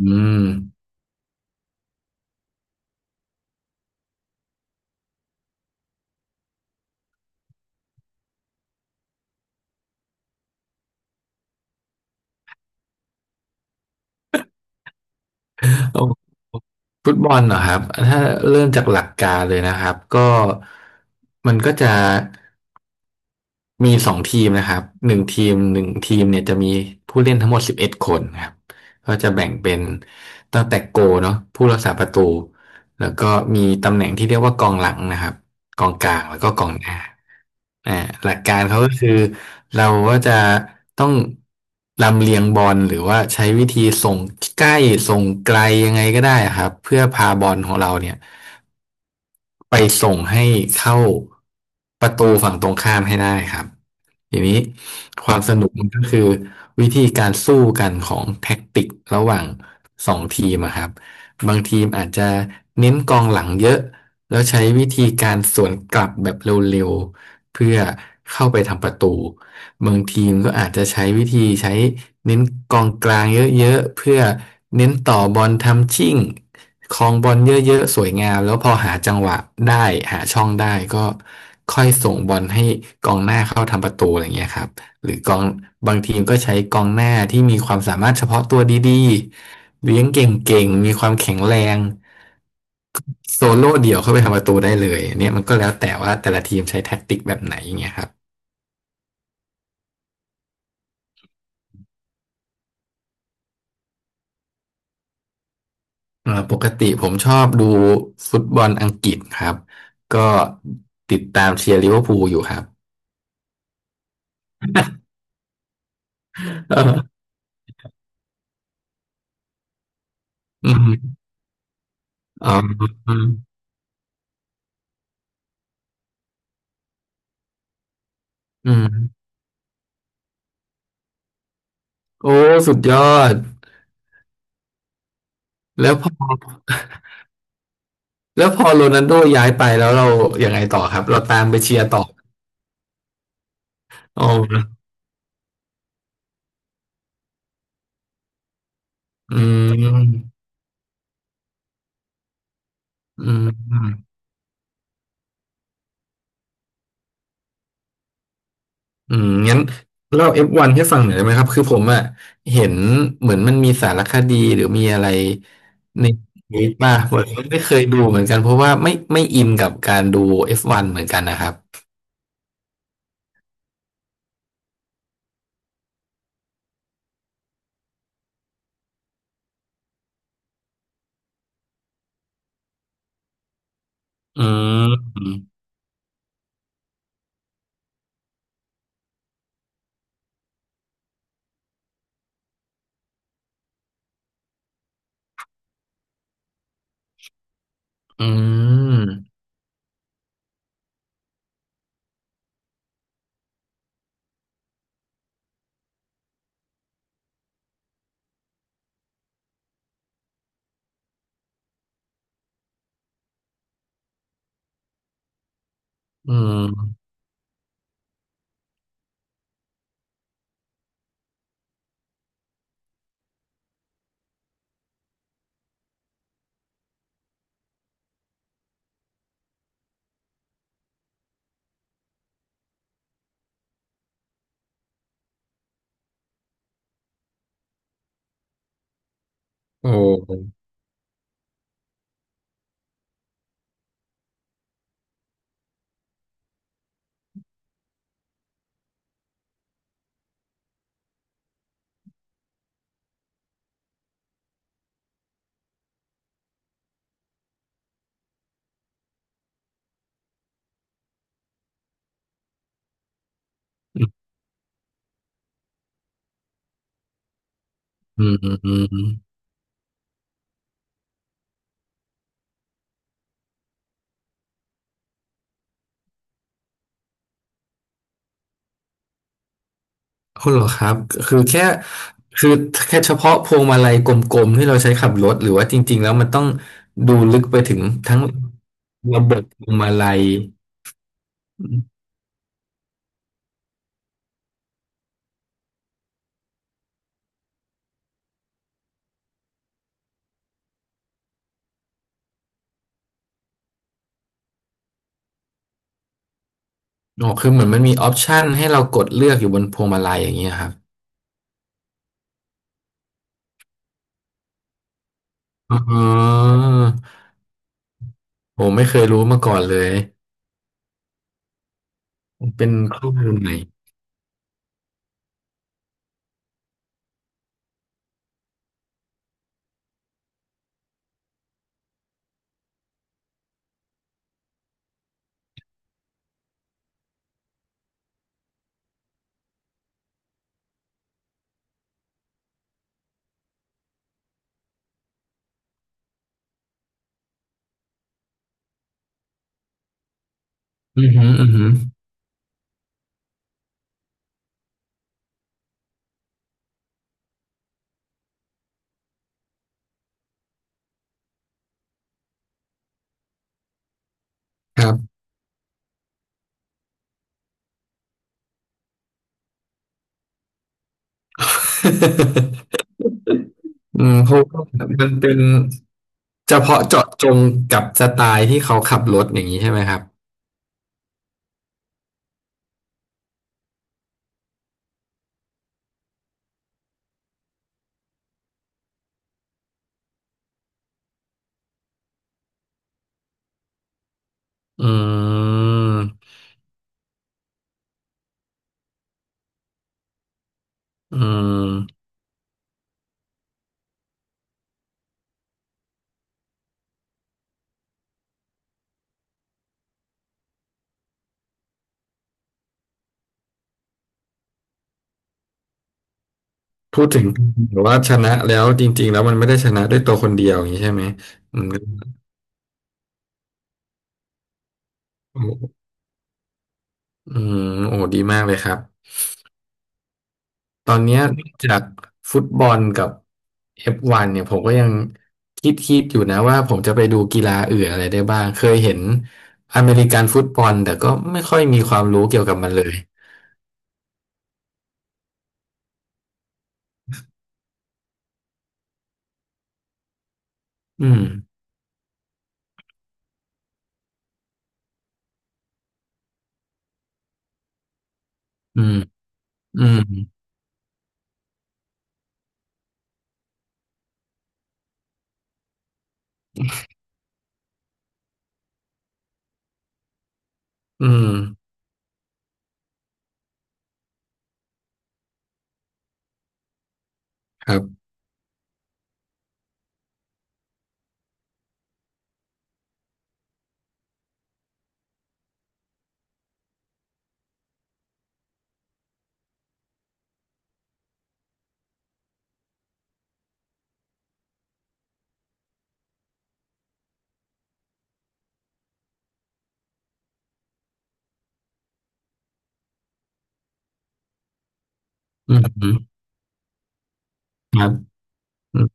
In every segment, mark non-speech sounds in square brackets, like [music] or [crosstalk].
อืมโอ้ฟุตบอลเหรอครับถ้าเริ่มจากหลักการเลยนะครับก็มันก็จะมีสองทีมนะครับหนึ่งทีมเนี่ยจะมีผู้เล่นทั้งหมด11คนครับก็จะแบ่งเป็นตั้งแต่โกเนาะผู้รักษาประตูแล้วก็มีตำแหน่งที่เรียกว่ากองหลังนะครับ กองกลางแล้วก็กองหน้าอ่าหลักการเขาก็คือเราก็จะต้องลำเลียงบอลหรือว่าใช้วิธีส่งใกล้ส่งไกลยังไงก็ได้ครับเพื่อพาบอลของเราเนี่ยไปส่งให้เข้าประตูฝั่งตรงข้ามให้ได้ครับทีนี้ความสนุกมันก็คือวิธีการสู้กันของแท็กติกระหว่างสองทีมอะครับบางทีมอาจจะเน้นกองหลังเยอะ แล้วใช้วิธีการสวนกลับแบบเร็วๆเพื่อเข้าไปทำประตูบางทีมก็อาจจะใช้วิธีใช้เน้นกองกลางเยอะๆเพื่อเน้นต่อบอลทำชิ่งครองบอลเยอะๆสวยงามแล้วพอหาจังหวะได้หาช่องได้ก็ค่อยส่งบอลให้กองหน้าเข้าทำประตูอะไรอย่างเงี้ยครับ หรือกองบางทีมก็ใช้กองหน้าที่มีความสามารถเฉพาะตัวดีๆเลี้ยงเก่งๆมีความแข็งแรงโซโล่เดี่ยวเข้าไปทำประตูได้เลยนเนี่ยมันก็แล้วแต่ว่าแต่ละทีมใช้แท็กติกแบบไหนอย่างเงี้ยครับปกติผมชอบดูฟุตบอลอังกฤษครับก็ติดตามเชียร์ลิเวอร์พูลอยู่ครับ [laughs] เอออืมอ๋ออืมอืมโอ้สุดยอดแล้วพอแล้วพอโรนัลโดย้ายไปแล้วเรายังไงต่อครับเราตามไปเชียร์ต่อ อ๋ออืมอืมอืมงั้นเล่าเอฟวันให้ฟังหน่อยได้ไหมครับ คือผมอะเห็นเหมือนมันมีสารคดีหรือมีอะไรในนี้ป่ะผมไม่เคยดูเหมือนกันเพราะว่าไม่อินกับการดู F1 เหมือนกันนะครับอืมอืมอืมโอ้อืมอืมเอาเหรอครับ คือแค่คือแค่เฉพาะพวงมาลัยกลมๆที่เราใช้ขับรถหรือว่าจริงๆแล้วมันต้องดูลึกไปถึงทั้ง ระบบพวงมาลัยอมอ๋อคือเหมือนมันมีออปชันให้เรากดเลือกอยู่บนพวงมาลัยอย่างเงี้ยครับอ๋อผมไม่เคยรู้มาก่อนเลย เป็นข้อมูลใหม่อือหืออือหือครับ [laughs] อืมเพราะว่ามันเป็นเฉพาะเจาะจงกับสไตล์ที่เขาขับรถอย่างนี้ใช่ไหมครับอืมอืมพูดถึงหรือว่าชนะแล้วจริงๆแล้วมันไม่ได้ชนะด้วยตัวคนเดียวอย่างนี้ใช่ไหมอืม อืมโอ้ดีมากเลยครับตอนเนี้ยนอกจากฟุตบอลกับ F1 เนี่ยผมก็ยังคิดอยู่นะว่าผมจะไปดูกีฬาอื่นอะไรได้บ้างเคยเห็นอเมริกันฟุตบอลแต่ก็ไม่ค่อยมีความรู้เกี่ยวกับมันเลยอืมอืมอืมอืมครับอืมครับอืม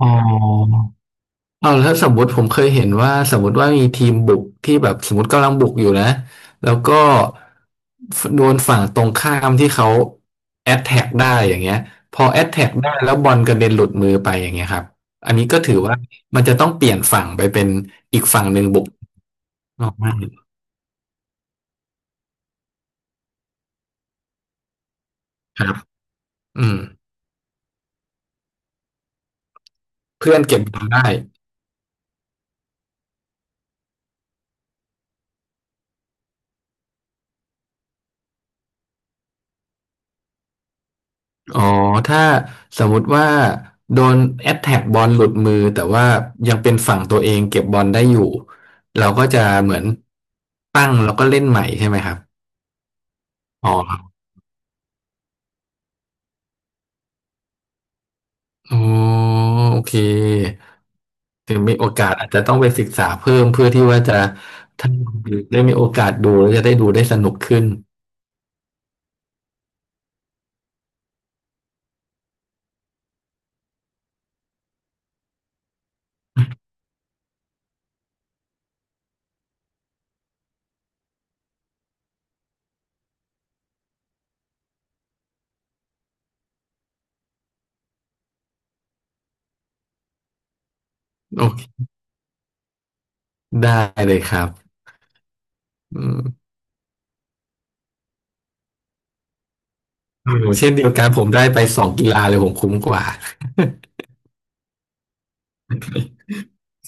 อ๋อ เอาแล้วสมมติผมเคยเห็นว่าสมมติว่ามีทีมบุกที่แบบสมมติกำลังบุกอยู่นะแล้วก็โดนฝั่งตรงข้ามที่เขาแอตแทกได้อย่างเงี้ยพอแอตแทกได้แล้วบอลกระเด็นหลุดมือไปอย่างเงี้ยครับอันนี้ก็ถือว่ามันจะต้องเปลี่ยนฝั่งไปเป็นอีกฝั่งหนึ่งบุกออกมาครับอืมเพื่อนเก็บบอลได้ อ๋อถ้าสมมุติว่าโดนแอตแทกบอลหลุดมือแต่ว่ายังเป็นฝั่งตัวเองเก็บบอลได้อยู่เราก็จะเหมือนตั้งแล้วก็เล่นใหม่ใช่ไหมครับอ๋อครับอ๋อโอเคถึงมีโอกาสอาจจะต้องไปศึกษาเพิ่มเพื่อที่ว่าจะถ้าได้มีโอกาสดูแล้วจะได้ดูได้สนุกขึ้นโอเคได้เลยครับอืมโอ้โหเช่นเดียวกันผมได้ไปสองกีฬาเลยผมคุ้มกว่า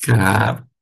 ครับ